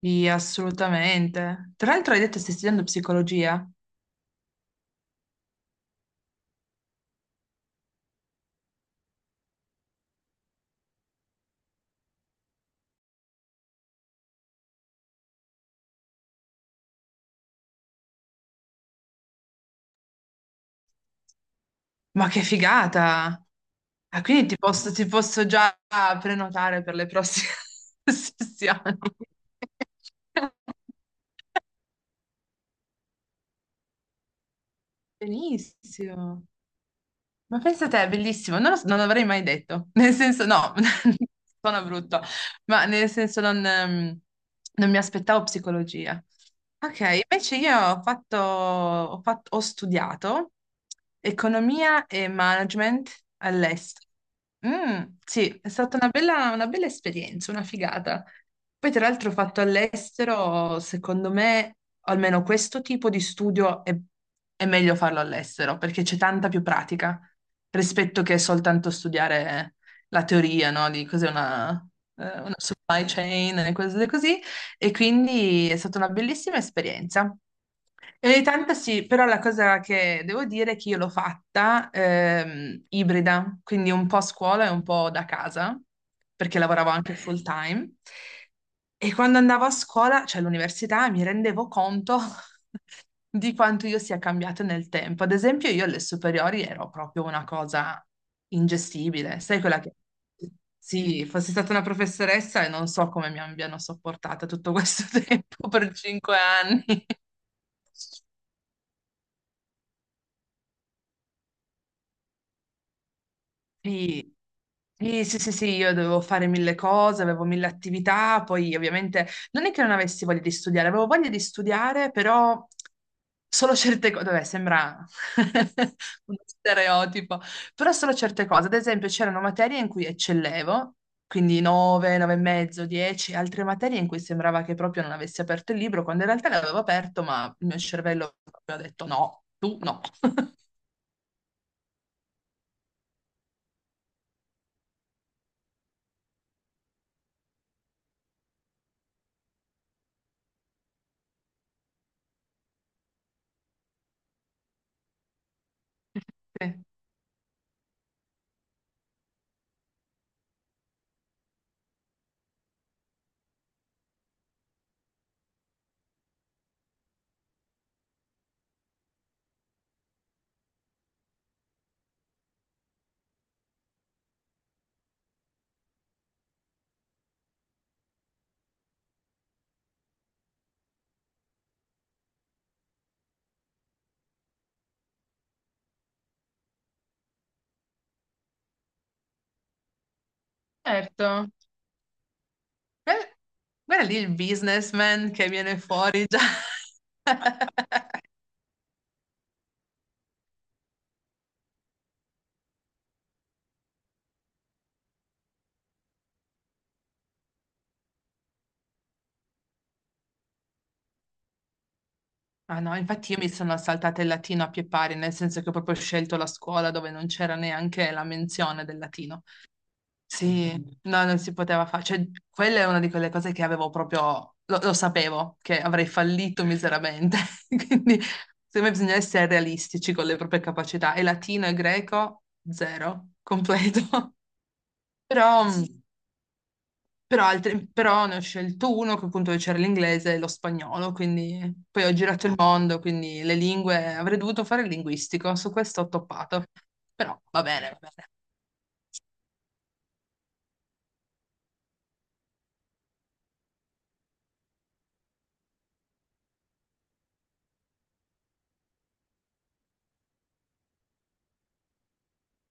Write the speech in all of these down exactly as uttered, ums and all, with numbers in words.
Sì, assolutamente. Tra l'altro hai detto che stai studiando psicologia? Ma che figata! Ah, quindi ti posso, ti posso già prenotare per le prossime sessioni. Benissimo. Ma pensa te, è bellissimo. Non, lo- so, non l'avrei mai detto. Nel senso, no, sono brutto, ma nel senso non, ehm, non mi aspettavo psicologia. Ok, invece io ho fatto, ho fatto- ho studiato economia e management all'estero. Mm, sì, è stata una bella, una bella esperienza, una figata. Poi, tra l'altro, ho fatto all'estero, secondo me, almeno questo tipo di studio è, è meglio farlo all'estero perché c'è tanta più pratica rispetto che soltanto studiare la teoria, no? Di cos'è una, eh, una supply chain e cose così e quindi è stata una bellissima esperienza. E ogni tanto sì, però la cosa che devo dire è che io l'ho fatta ehm, ibrida, quindi un po' a scuola e un po' da casa, perché lavoravo anche full time. E quando andavo a scuola, cioè all'università, mi rendevo conto di quanto io sia cambiato nel tempo. Ad esempio, io alle superiori ero proprio una cosa ingestibile, sai quella che... Sì, fossi stata una professoressa e non so come mi abbiano sopportata tutto questo tempo per cinque anni. Sì, sì, sì, sì, sì, io dovevo fare mille cose, avevo mille attività, poi ovviamente non è che non avessi voglia di studiare, avevo voglia di studiare, però solo certe cose, vabbè, sembra uno stereotipo, però solo certe cose, ad esempio c'erano materie in cui eccellevo, quindi nove, nove e mezzo, dieci, altre materie in cui sembrava che proprio non avessi aperto il libro, quando in realtà l'avevo aperto, ma il mio cervello proprio ha detto no, tu no. Sì. Certo. Eh, Guarda lì il businessman che viene fuori già. Ah no, infatti io mi sono saltata il latino a pie pari, nel senso che ho proprio scelto la scuola dove non c'era neanche la menzione del latino. Sì, no, non si poteva fare. Cioè, quella è una di quelle cose che avevo proprio... Lo, lo sapevo, che avrei fallito miseramente. Quindi, secondo me bisogna essere realistici con le proprie capacità. E latino e greco, zero, completo. Però... Sì. Però, altri- però ne ho scelto uno che appunto c'era l'inglese e lo spagnolo, quindi poi ho girato il mondo, quindi le lingue, avrei dovuto fare il linguistico, su questo ho toppato. Però va bene, va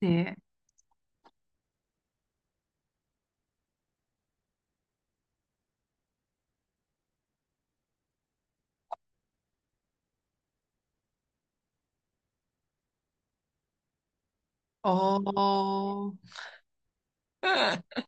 bene. Sì. Oh,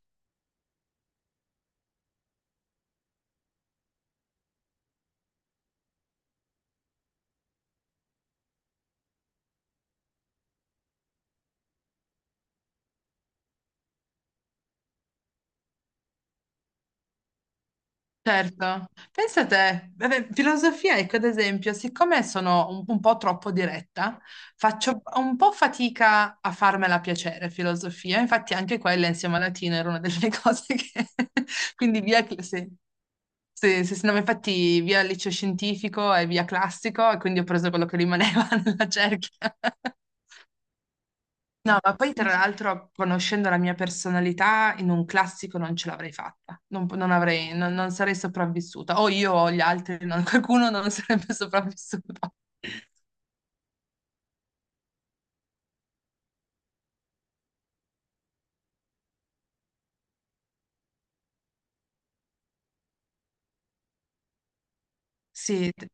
certo. Pensa a te, vabbè, filosofia, ecco, ad esempio, siccome sono un, un po' troppo diretta, faccio un po' fatica a farmela piacere, filosofia. Infatti anche quella insieme a latino era una delle cose che... Quindi via, che- sì. Sì, sì, sì, no, ma infatti via liceo scientifico e via classico e quindi ho preso quello che rimaneva nella cerchia. No, ma poi tra l'altro, conoscendo la mia personalità, in un classico non ce l'avrei fatta, non, non avrei, non, non sarei sopravvissuta, o io o gli altri, non- qualcuno non sarebbe sopravvissuto. Sì, d-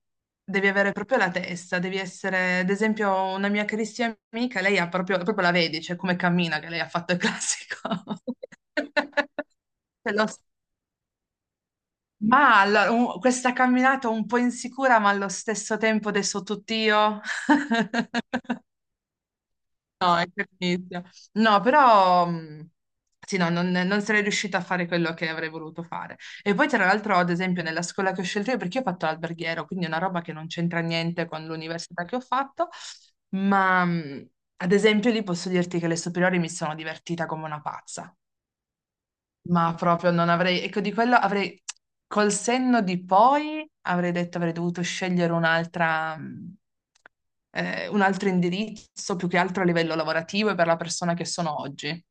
devi avere proprio la testa, devi essere, ad esempio, una mia carissima amica, lei ha proprio, proprio la vedi, cioè come cammina, che lei ha fatto il classico. Cioè, lo Ma allora, un- questa camminata un po' insicura, ma allo stesso tempo adesso tutt'io. Inizio. No, però mh, sì, no, non, non sarei riuscita a fare quello che avrei voluto fare. E poi, tra l'altro, ad esempio, nella scuola che ho scelto io, perché io ho fatto l'alberghiero, quindi è una roba che non c'entra niente con l'università che ho fatto, ma mh, ad esempio lì posso dirti che le superiori mi sono divertita come una pazza. Ma proprio non avrei, ecco di quello avrei, col senno di poi avrei detto avrei dovuto scegliere un'altra, mm, eh, un altro indirizzo più che altro a livello lavorativo e per la persona che sono oggi.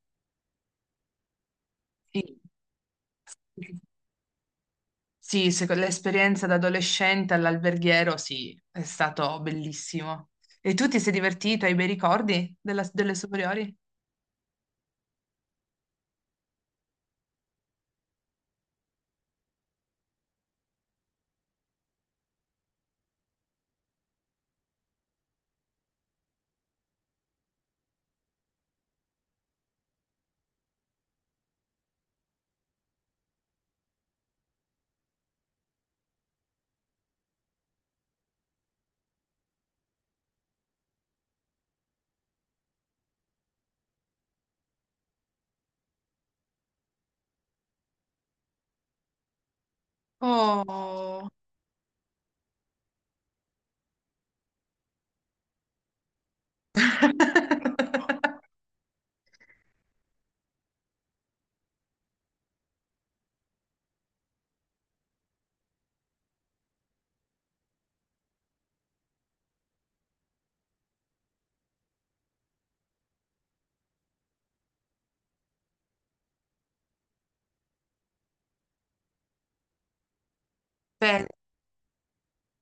Sì, sì, se- l'esperienza da adolescente all'alberghiero, sì, è stato bellissimo. E tu ti sei divertito? Hai bei ricordi della- delle superiori? Oh.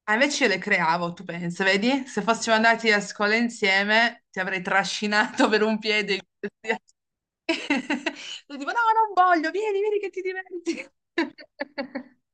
Ah, invece io le creavo, tu pensa, vedi? Se fossimo andati a scuola insieme, ti avrei trascinato per un piede. in qualsiasi- Tu tipo, no, non voglio, vieni, vieni che ti diverti.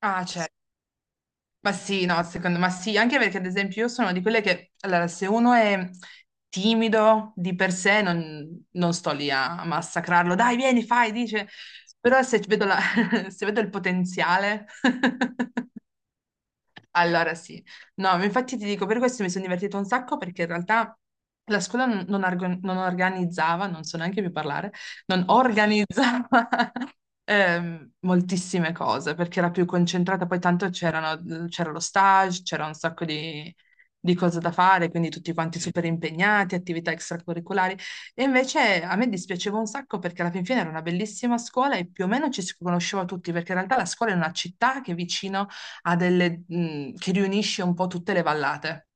Ah, certo. Ma sì, no, secondo me sì, anche perché ad esempio io sono di quelle che, allora, se uno è timido di per sé, non, non sto lì a massacrarlo, dai, vieni, fai, dice, però se vedo, la- se vedo il potenziale. Allora sì, no, ma infatti ti dico, per questo mi sono divertita un sacco perché in realtà la scuola non, non argo- non organizzava, non so neanche più parlare, non organizzava ehm, moltissime cose perché era più concentrata, poi tanto c'erano- mhmm, c'era lo stage, c'era un sacco di, di cose da fare, quindi tutti quanti super impegnati, attività extracurriculari. E invece a me dispiaceva un sacco perché alla fin fine era una bellissima scuola e più o meno ci si conosceva tutti perché in realtà la scuola è una città che è vicino, ha delle, mh, che riunisce un po' tutte le vallate.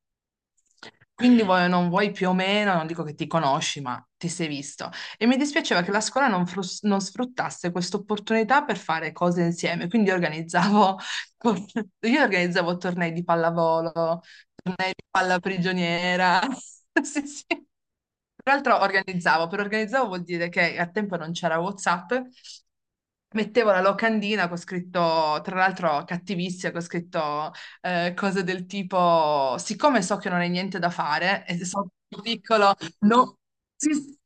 Quindi vuoi o non vuoi più o meno, non dico che ti conosci, ma ti sei visto. E mi dispiaceva che la scuola non, frus- non sfruttasse questa opportunità per fare cose insieme. Quindi organizzavo, io organizzavo tornei di pallavolo, palla prigioniera. Sì, sì. Tra l'altro organizzavo, per organizzavo vuol dire che a tempo non c'era WhatsApp, mettevo la locandina con scritto, tra l'altro cattivissima, con scritto eh, cose del tipo, siccome so che non hai niente da fare, e sono più piccolo, no, sì, sì,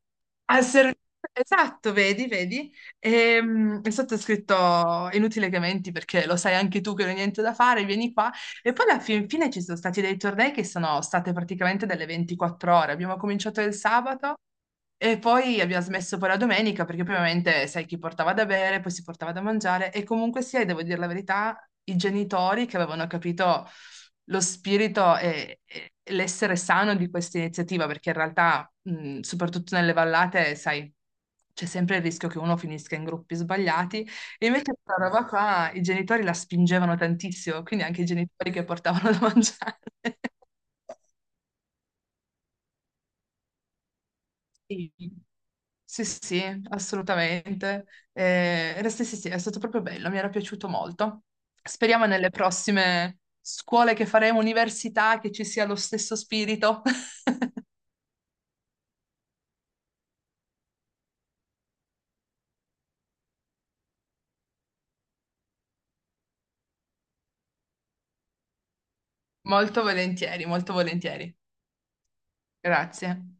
al servizio, esatto, vedi, vedi, e, mm, e sotto è scritto, inutile che menti perché lo sai anche tu che non hai niente da fare, vieni qua. E poi alla fin fine ci sono stati dei tornei che sono state praticamente delle ventiquattro ore. Abbiamo cominciato il sabato e poi abbiamo smesso poi la domenica perché poi ovviamente sai chi portava da bere, poi si portava da mangiare e comunque sia, e devo dire la verità, i genitori che avevano capito lo spirito e, e l'essere sano di questa iniziativa, perché in realtà, mh, soprattutto nelle vallate, sai, c'è sempre il rischio che uno finisca in gruppi sbagliati, e invece questa roba qua i genitori la spingevano tantissimo, quindi anche i genitori che portavano da mangiare. Sì. Sì, sì, assolutamente. Eh, era- sì, sì, sì, è stato proprio bello, mi era piaciuto molto. Speriamo nelle prossime scuole che faremo, università, che ci sia lo stesso spirito. Molto volentieri, molto volentieri. Grazie.